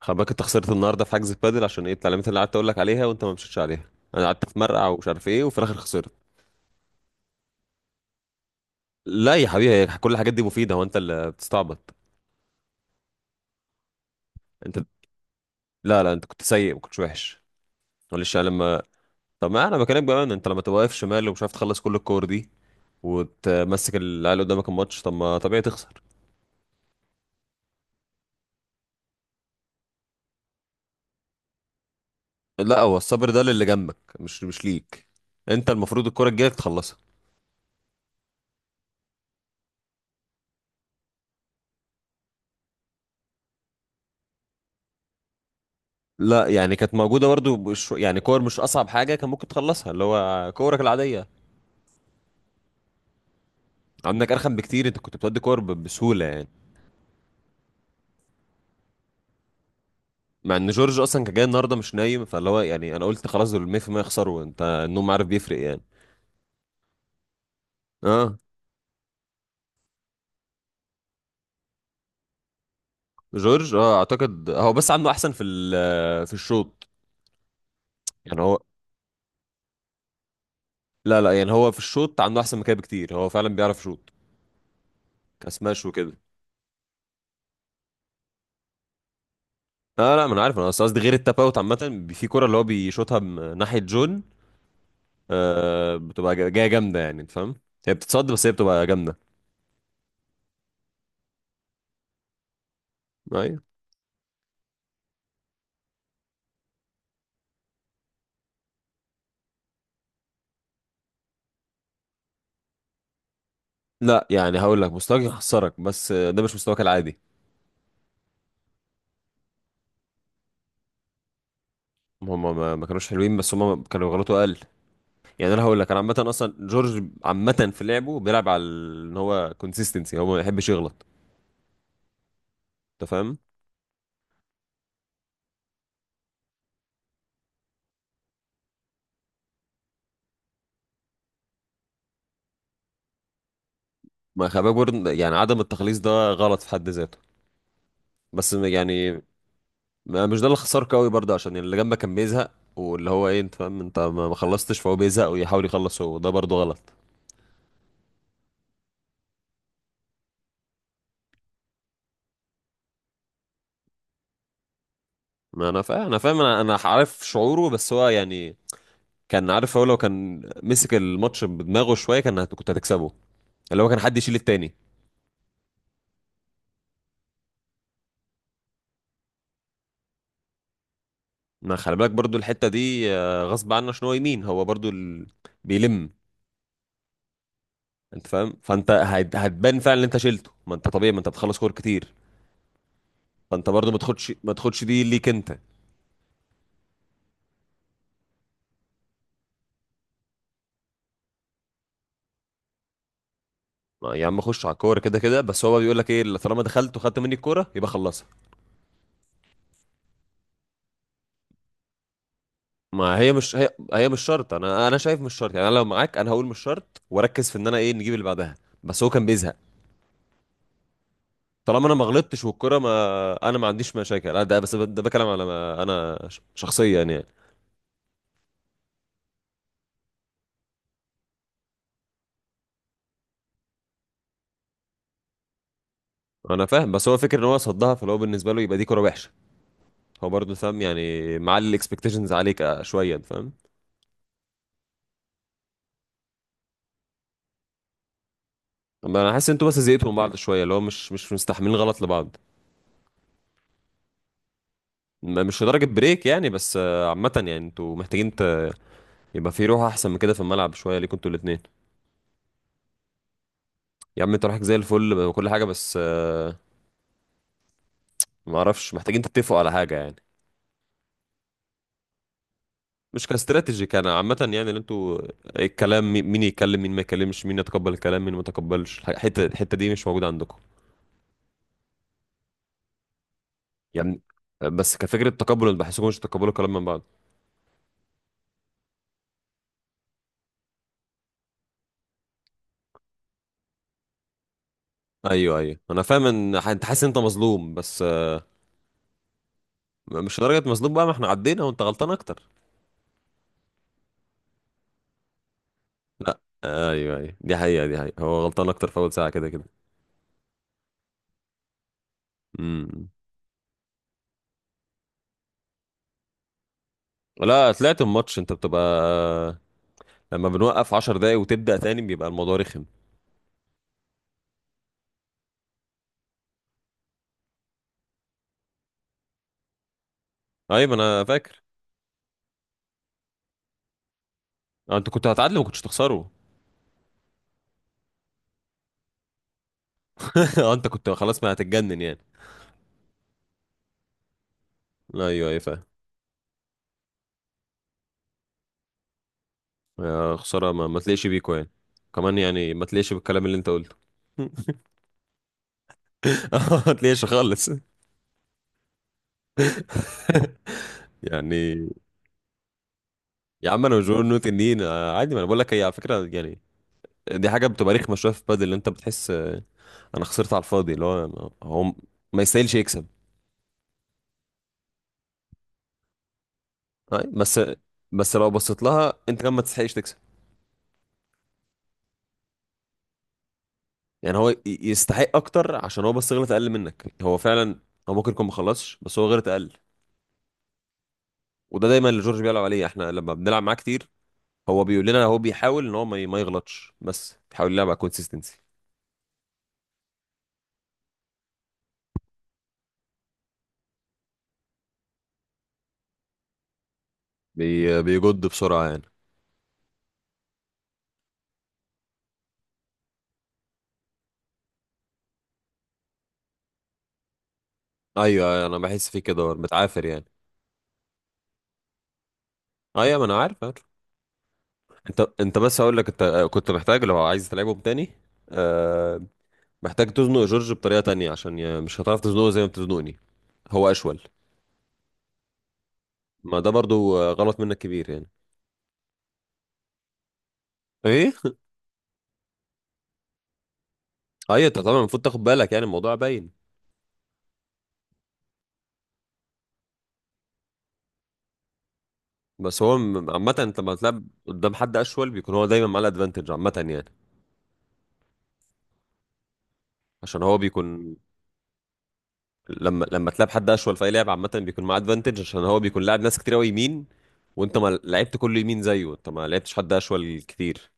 خلي بالك انت خسرت النهارده في حجز البادل عشان ايه التعليمات اللي قعدت اقول لك عليها وانت ما مشيتش عليها. انا قعدت اتمرقع ومش عارف ايه وفي الاخر خسرت. لا يا حبيبي، هي كل الحاجات دي مفيده، هو انت اللي بتستعبط. انت، لا لا انت كنت سيء، ما كنتش وحش. معلش انا لما، طب ما انا بكلمك بقى ان انت لما تبقى واقف شمال ومش عارف تخلص كل الكور دي وتمسك العيال قدامك الماتش، طب ما طبيعي تخسر. لا، هو الصبر ده للي جنبك، مش ليك. انت المفروض الكوره الجايه تخلصها. لا كانت موجوده برضه كور مش اصعب حاجه، كان ممكن تخلصها اللي هو كورك العاديه. عندك ارخم بكتير، انت كنت بتودي كور بسهوله يعني. مع ان جورج اصلا كان جاي النهارده مش نايم، فاللي هو يعني انا قلت خلاص دول 100% يخسروا، انت النوم عارف بيفرق يعني. اه. جورج اه اعتقد هو بس عنده احسن في في الشوط. يعني هو، لا لا يعني هو في الشوط عنده احسن مكان بكتير، هو فعلا بيعرف يشوط كسماش وكده. اه لا، ما انا عارف، انا أصل قصدي غير التاب اوت عامه. في كوره اللي هو بيشوطها من ناحيه جون آه بتبقى جايه جامده يعني انت فاهم. هي بتتصد بس هي بتبقى جامده. ايوه. لا يعني هقول لك مستواك يخسرك، بس ده مش مستواك العادي. هم ما كانوش حلوين، بس هم كانوا غلطوا اقل. يعني انا هقول لك، انا عامه اصلا جورج عامه في لعبه بيلعب على ان هو كونسيستنسي، هو ما يحبش يغلط. انت فاهم. ما خباك برضه يعني، عدم التخليص ده غلط في حد ذاته. بس يعني، مش ده اللي خسرك قوي برضه، عشان اللي جنبك كان بيزهق. واللي هو ايه، انت فاهم، انت ما خلصتش فهو بيزهق ويحاول يخلص، هو ده برضه غلط. ما انا فاهم، انا انا عارف شعوره، بس هو يعني كان عارف، هو لو كان مسك الماتش بدماغه شويه كان كنت هتكسبه. اللي هو كان حد يشيل التاني. ما خلي بالك برضو الحته دي آه، غصب عنه عشان هو يمين، هو برضو بيلم. انت فاهم، فانت هتبان فعلا ان انت شيلته، ما انت طبيعي ما انت بتخلص كور كتير. فانت برضو ما تاخدش دي ليك انت. ما يا عم خش على الكوره كده كده، بس هو بيقول لك ايه، اللي طالما دخلت وخدت مني الكوره يبقى خلصها. ما هي مش شرط، انا شايف مش شرط، يعني انا لو معاك انا هقول مش شرط واركز في ان انا ايه نجيب اللي بعدها. بس هو كان بيزهق. طالما انا ما غلطتش والكرة، ما انا ما عنديش مشاكل، لا ده بس ده بكلام على ما انا شخصيا يعني. انا فاهم، بس هو فكر ان هو صدها، فلو بالنسبه له يبقى دي كرة وحشه. هو برضه فاهم يعني، معلي الاكسبكتيشنز عليك آه، شويه أنت فاهم. اما انا حاسس ان انتوا بس زهقتوا من بعض شويه، اللي هو مش مستحملين غلط لبعض. مش لدرجه بريك يعني، بس آه، عامه يعني انتوا محتاجين ت... يبقى في روح احسن من كده في الملعب شويه ليكوا انتوا الاثنين. يا عم انت روحك زي الفل وكل حاجه، بس آه، ما اعرفش، محتاجين تتفقوا على حاجه يعني. مش كاستراتيجي، كان عامة يعني اللي انتوا الكلام مين يتكلم مين ما يتكلمش، مين يتقبل الكلام مين ما يتقبلش، الحتة دي مش موجودة عندكم. يعني بس كفكرة، تقبل، انا بحسكم مش تقبلوا الكلام من بعض. ايوه ايوه انا فاهم ان انت حاسس ان انت مظلوم، بس آه، مش لدرجة مظلوم بقى، ما احنا عدينا وانت غلطان اكتر. لا ايوه ايوه، دي حقيقة، دي حقيقة، هو غلطان اكتر في اول ساعة كده كده. امم. لا طلعت الماتش انت بتبقى، لما بنوقف 10 دقايق وتبدأ تاني بيبقى الموضوع رخم. ايوه ما انا فاكر. آه، انت كنت هتعادل وما كنتش تخسروا. اه انت كنت خلاص ما هتتجنن يعني. لا ايوه ايوه فاهم. يا خساره، ما تليقش بيكو يعني، كمان يعني ما تليقش بالكلام اللي انت قلته. اه ما تليقش خالص. يعني يا عم، انا مش بقول انه تنين آه، عادي، ما انا بقول لك هي على فكره يعني. دي حاجه بتبقى رخمه شويه في بدل، اللي انت بتحس آه، انا خسرت على الفاضي، اللي هو هو ما يستاهلش يكسب. آه، بس، بس لو بصيت لها انت كمان ما تستحقش تكسب. يعني هو يستحق اكتر عشان هو بس غلط اقل منك، هو فعلا هو ممكن يكون ما خلصش بس هو غلط اقل. وده دايما اللي جورج بيلعب عليه، احنا لما بنلعب معاه كتير هو بيقول لنا هو بيحاول ان هو ما يغلطش، بس بيحاول يلعب على كونسيستنسي. بي... بيجد بسرعه يعني. ايوه أيوة، انا بحس فيه كده، هو متعافر يعني. ايوه ما انا عارف عارف. انت بس هقول لك انت كنت محتاج لو عايز تلعبهم تاني آه... محتاج تزنق جورج بطريقه تانية عشان ي... مش هتعرف تزنقه زي ما بتزنقني. هو اشول. ما ده برضو آه، غلط منك كبير يعني. ايه. ايوه انت طبعا المفروض تاخد بالك، يعني الموضوع باين. بس هو عامة انت لما تلعب قدام حد اشول بيكون هو دايما معاه الادفانتج عامة يعني، عشان هو بيكون. لما تلعب حد اشول في اي لعبة عامة بيكون معاه ادفانتج، عشان هو بيكون لاعب ناس كتير قوي يمين، وانت ما لعبت كله يمين زيه، انت ما لعبتش حد اشول كتير.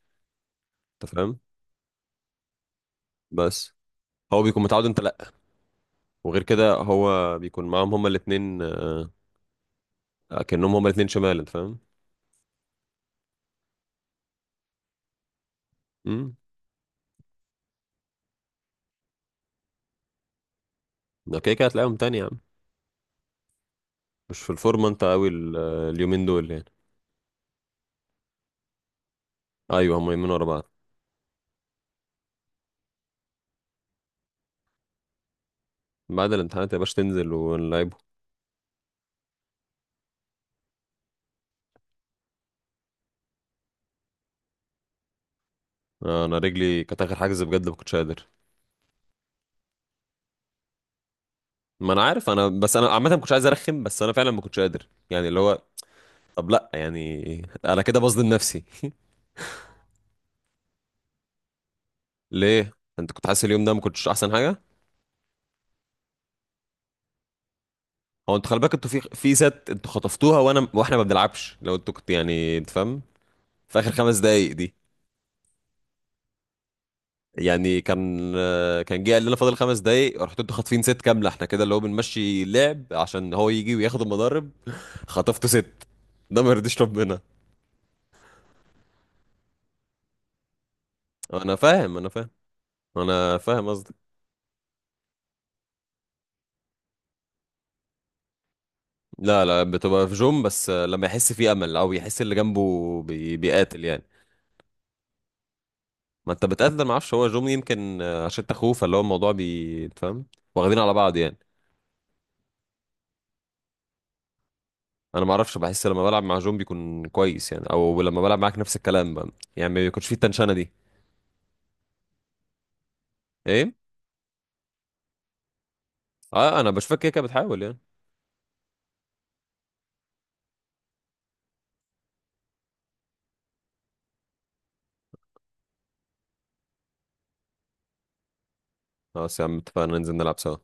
انت فاهم. بس هو بيكون متعود، انت لا. وغير كده هو بيكون معاهم هما الاتنين آه، كأنهم هما الاتنين شمال، انت فاهم. امم. ده كده كده هتلاقيهم تاني يا عم، مش في الفورمة انت قوي اليومين دول يعني. ايوه هما يومين ورا بعض. بعد الامتحانات يا باشا تنزل ونلعب. آه، انا رجلي كانت اخر حجز بجد ما كنتش قادر. ما انا عارف، انا بس انا عامه ما كنتش عايز ارخم، بس انا فعلا ما كنتش قادر يعني اللي هو. طب لا يعني انا كده بظلم نفسي. ليه؟ انت كنت حاسس اليوم ده ما كنتش احسن حاجه. هو انتوا خلي بالك انتوا في ست انتوا خطفتوها، وانا واحنا ما بنلعبش لو انتوا كنت يعني انت فاهم، في اخر خمس دقايق دي. يعني كان آه، كان جه قال لنا فاضل خمس دقايق، رحتوا انتوا خاطفين ست كامله، احنا كده اللي هو بنمشي لعب عشان هو يجي وياخد المضارب. خطفتوا ست، ده ما يرضيش ربنا. انا فاهم انا فاهم، انا فاهم قصدك. لا لا، بتبقى في جوم بس لما يحس فيه امل او يحس اللي جنبه بي... بيقاتل يعني. ما انت بتقاتل، ما اعرفش، هو جوم يمكن عشان انت اخوه، فاللي هو الموضوع بي فاهم، واخدين على بعض يعني. انا ما اعرفش، بحس لما بلعب مع جوم بيكون كويس يعني، او لما بلعب معاك نفس الكلام بقى، يعني ما بيكونش فيه التنشنه دي. ايه. اه انا بشوفك كده كده بتحاول يعني. خلاص يا عم، اتفقنا ننزل نلعب سوا.